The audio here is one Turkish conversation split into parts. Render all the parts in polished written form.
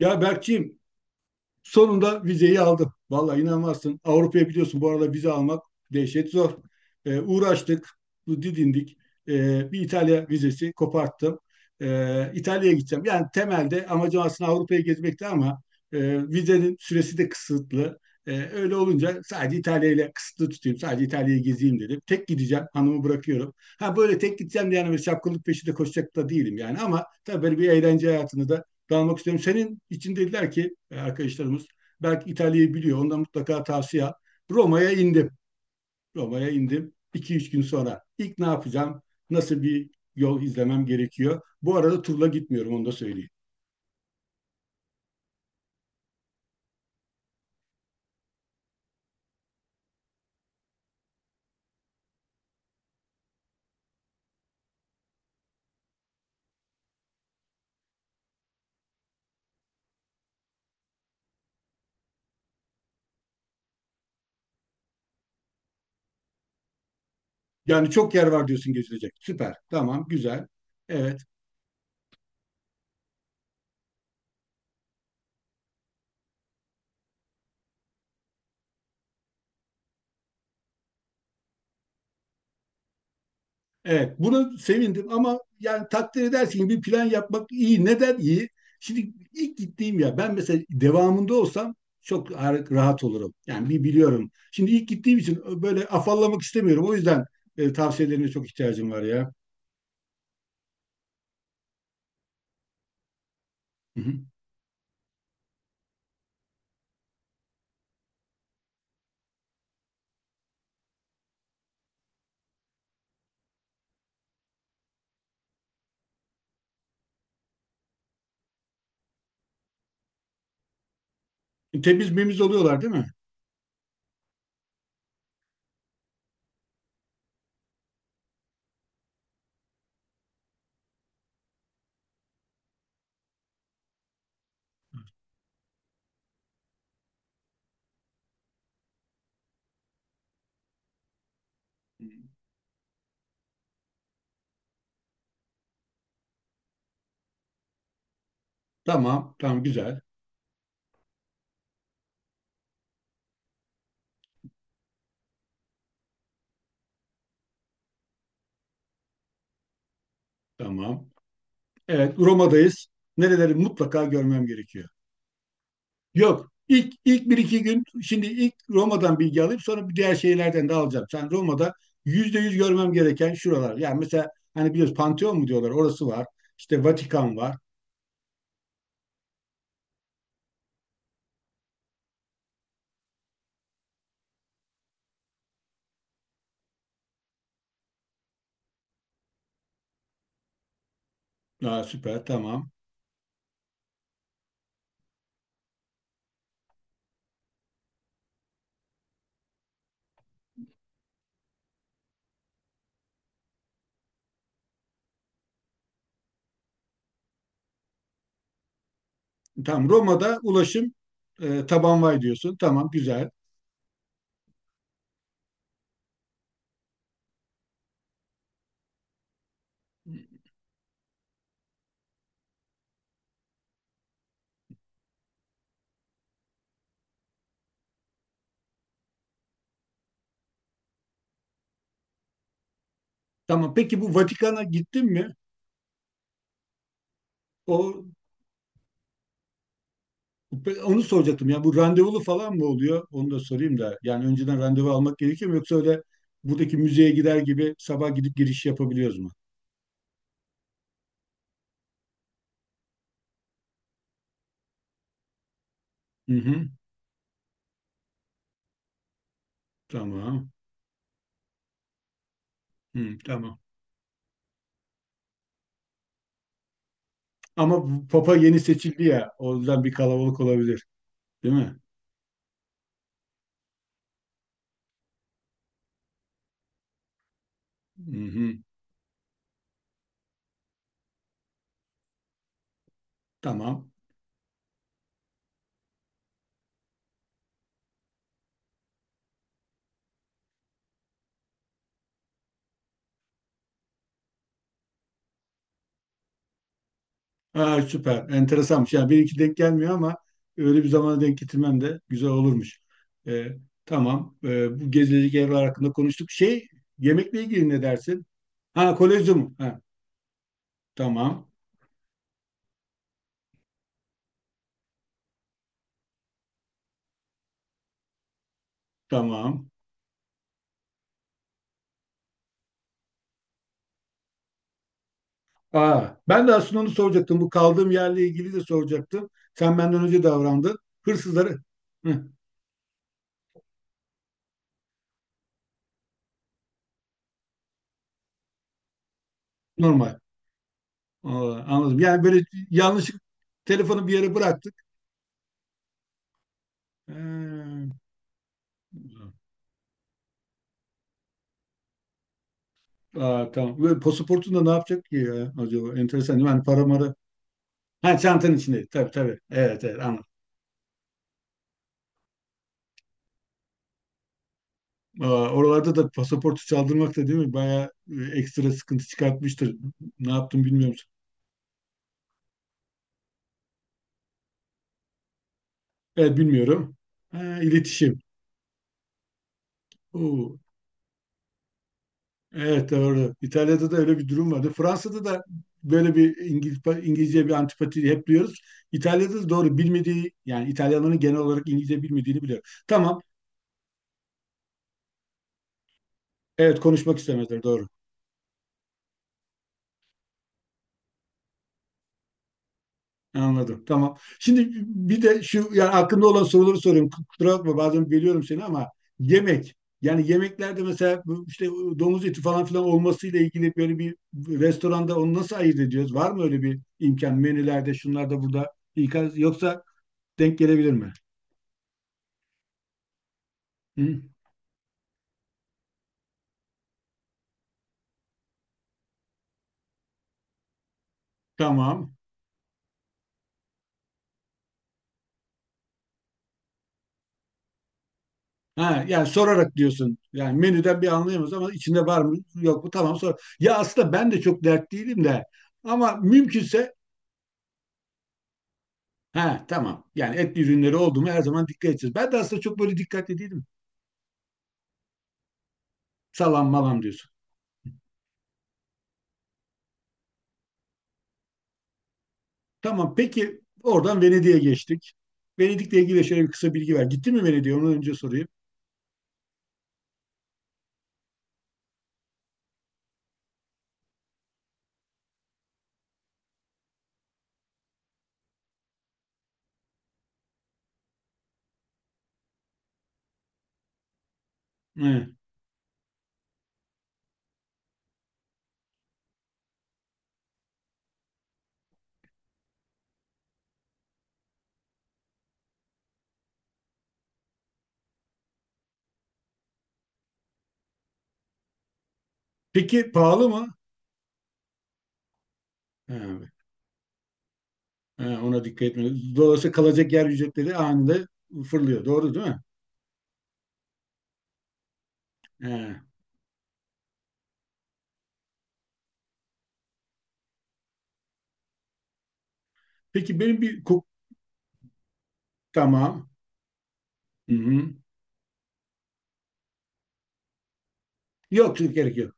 Ya Berkçiğim, sonunda vizeyi aldım. Vallahi inanmazsın. Avrupa'ya biliyorsun bu arada vize almak dehşet zor. Uğraştık, bu didindik. Bir İtalya vizesi koparttım. İtalya'ya gideceğim. Yani temelde amacım aslında Avrupa'yı gezmekti ama e, vizenin süresi de kısıtlı. Öyle olunca sadece İtalya ile kısıtlı tutayım. Sadece İtalya'yı gezeyim dedim. Tek gideceğim. Hanımı bırakıyorum. Ha böyle tek gideceğim diye yani böyle şapkınlık peşinde koşacak da değilim yani. Ama tabii böyle bir eğlence hayatını da dalmak istiyorum. Senin için dediler ki arkadaşlarımız belki İtalya'yı biliyor. Ondan mutlaka tavsiye. Roma'ya indim. Roma'ya indim. 2 üç gün sonra. İlk ne yapacağım? Nasıl bir yol izlemem gerekiyor? Bu arada turla gitmiyorum, onu da söyleyeyim. Yani çok yer var diyorsun gezilecek. Süper. Tamam. Güzel. Evet. Evet, bunu sevindim ama yani takdir edersin ki bir plan yapmak iyi. Neden iyi? Şimdi ilk gittiğim ya, ben mesela devamında olsam rahat olurum. Yani bir biliyorum. Şimdi ilk gittiğim için böyle afallamak istemiyorum. O yüzden tavsiyelerine çok ihtiyacım var ya. Hı hı. Temiz memiz oluyorlar değil mi? Tamam, tamam, güzel. Tamam. Evet, Roma'dayız. Nereleri mutlaka görmem gerekiyor? Yok. İlk bir iki gün, şimdi ilk Roma'dan bilgi alayım, sonra bir diğer şeylerden de alacağım. Sen Roma'da yüzde yüz görmem gereken şuralar. Yani mesela hani biliyoruz Pantheon mu diyorlar, orası var. İşte Vatikan var. Aa, süper, tamam. Tamam, Roma'da ulaşım tabanvay diyorsun. Tamam, güzel. Tamam, peki bu Vatikan'a gittin mi? O Onu soracaktım ya, bu randevulu falan mı oluyor? Onu da sorayım da. Yani önceden randevu almak gerekiyor mu, yoksa öyle buradaki müzeye gider gibi sabah gidip giriş yapabiliyoruz mu? Hı hı. Tamam. Hı, tamam. Ama bu Papa yeni seçildi ya. O yüzden bir kalabalık olabilir. Değil mi? Hı hı. Tamam. Aa, süper. Enteresanmış. Yani benimki denk gelmiyor ama öyle bir zamana denk getirmem de güzel olurmuş. Ee, tamam. Bu gezilecek evler hakkında konuştuk. Şey, yemekle ilgili ne dersin? Ha, kolezyum. Ha, tamam. Tamam. Aa, ben de aslında onu soracaktım. Bu kaldığım yerle ilgili de soracaktım. Sen benden önce davrandın. Hırsızları. Hı, normal. Aa, anladım. Yani böyle yanlış, telefonu bir yere bıraktık. Ee, Aa, tamam. Ve pasaportun da ne yapacak ki ya acaba? Enteresan değil mi? Hani para mara. Ha, çantanın içindeydi. Tabii tabii. Evet evet, anladım. Aa, oralarda da pasaportu çaldırmak da değil mi? Bayağı ekstra sıkıntı çıkartmıştır. Ne yaptım bilmiyorum. Evet, bilmiyorum. Ha, iletişim. Oo. Evet doğru. İtalya'da da öyle bir durum vardı. Fransa'da da böyle bir İngiliz, İngilizce bir antipati hep duyuyoruz. İtalya'da da doğru, bilmediği, yani İtalyanların genel olarak İngilizce bilmediğini biliyorum. Tamam. Evet, konuşmak istemezler, doğru. Anladım. Tamam. Şimdi bir de şu, yani aklımda olan soruları soruyorum. Kusura bakma, bazen bölüyorum seni ama yemek. Yani yemeklerde mesela bu işte domuz eti falan filan olmasıyla ilgili böyle bir restoranda onu nasıl ayırt ediyoruz? Var mı öyle bir imkan menülerde, şunlarda, burada İkaz- Yoksa denk gelebilir mi? Hı? Tamam. Ha, yani sorarak diyorsun. Yani menüden bir anlayamıyoruz ama içinde var mı yok mu, tamam, sor. Ya aslında ben de çok dert değilim de ama mümkünse ha tamam. Yani etli ürünleri oldu mu her zaman dikkat edeceğiz. Ben de aslında çok böyle dikkatli değilim. Salam malam diyorsun. Tamam, peki oradan Venedik'e geçtik. Venedik'le ilgili şöyle bir kısa bilgi ver. Gitti mi Venedik'e? Onu önce sorayım. He. Peki pahalı mı? He, he, ona dikkat etmiyoruz. Dolayısıyla kalacak yer ücretleri anında fırlıyor. Doğru değil mi? He. Peki benim bir kok tamam. Hı-hı. Yok yok, gerek yok.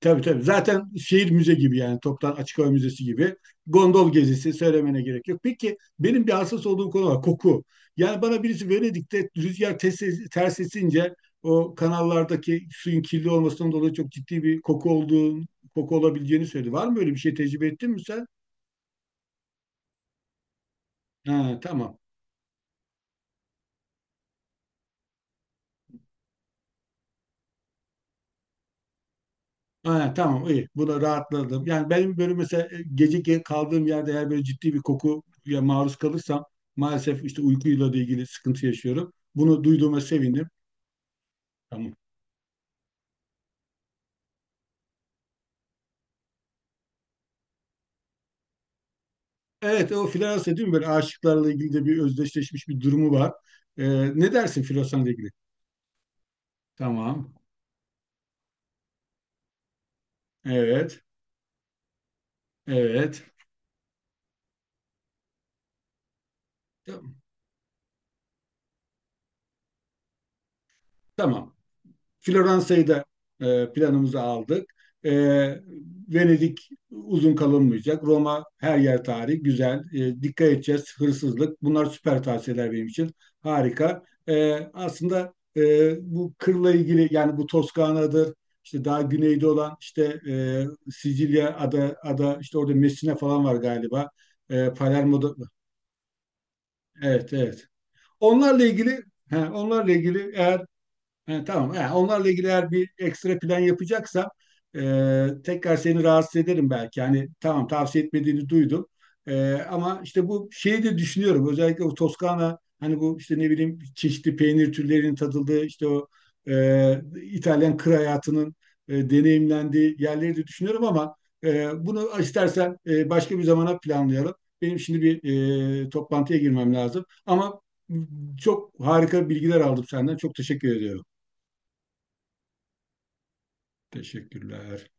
Tabii tabii. Zaten şehir müze gibi, yani toptan açık hava müzesi gibi. Gondol gezisi söylemene gerek yok. Peki benim bir hassas olduğum konu var. Koku. Yani bana birisi Venedik'te rüzgar ters, ters esince o kanallardaki suyun kirli olmasından dolayı çok ciddi bir koku olduğunu, koku olabileceğini söyledi. Var mı böyle bir şey, tecrübe ettin mi sen? Ha, tamam. Ha, tamam, iyi. Buna rahatladım. Yani benim böyle mesela kaldığım yerde eğer böyle ciddi bir kokuya maruz kalırsam maalesef işte uykuyla da ilgili sıkıntı yaşıyorum. Bunu duyduğuma sevindim. Tamam. Evet, o floresan değil mi? Böyle aşıklarla ilgili de bir özdeşleşmiş bir durumu var. Ee, Ne dersin floresanla ilgili? Tamam. Evet. Evet. Tamam. Tamam. Floransa'yı da planımıza aldık. E, Venedik uzun kalınmayacak. Roma her yer tarih, güzel. E, dikkat edeceğiz, hırsızlık. Bunlar süper tavsiyeler benim için. Harika. Aslında bu kırla ilgili, yani bu Toskana'dır, İşte daha güneyde olan işte Sicilya ada işte orada Messina falan var galiba. E, Palermo'da evet evet. Onlarla ilgili he, onlarla ilgili eğer he, tamam. He, onlarla ilgili eğer bir ekstra plan yapacaksam e, tekrar seni rahatsız ederim belki. Yani tamam, tavsiye etmediğini duydum. Ama işte bu şeyi de düşünüyorum. Özellikle o Toskana, hani bu işte ne bileyim çeşitli peynir türlerinin tadıldığı işte o İtalyan kır hayatının deneyimlendiği yerleri de düşünüyorum ama bunu istersen başka bir zamana planlayalım. Benim şimdi bir toplantıya girmem lazım. Ama çok harika bilgiler aldım senden. Çok teşekkür ediyorum. Teşekkürler.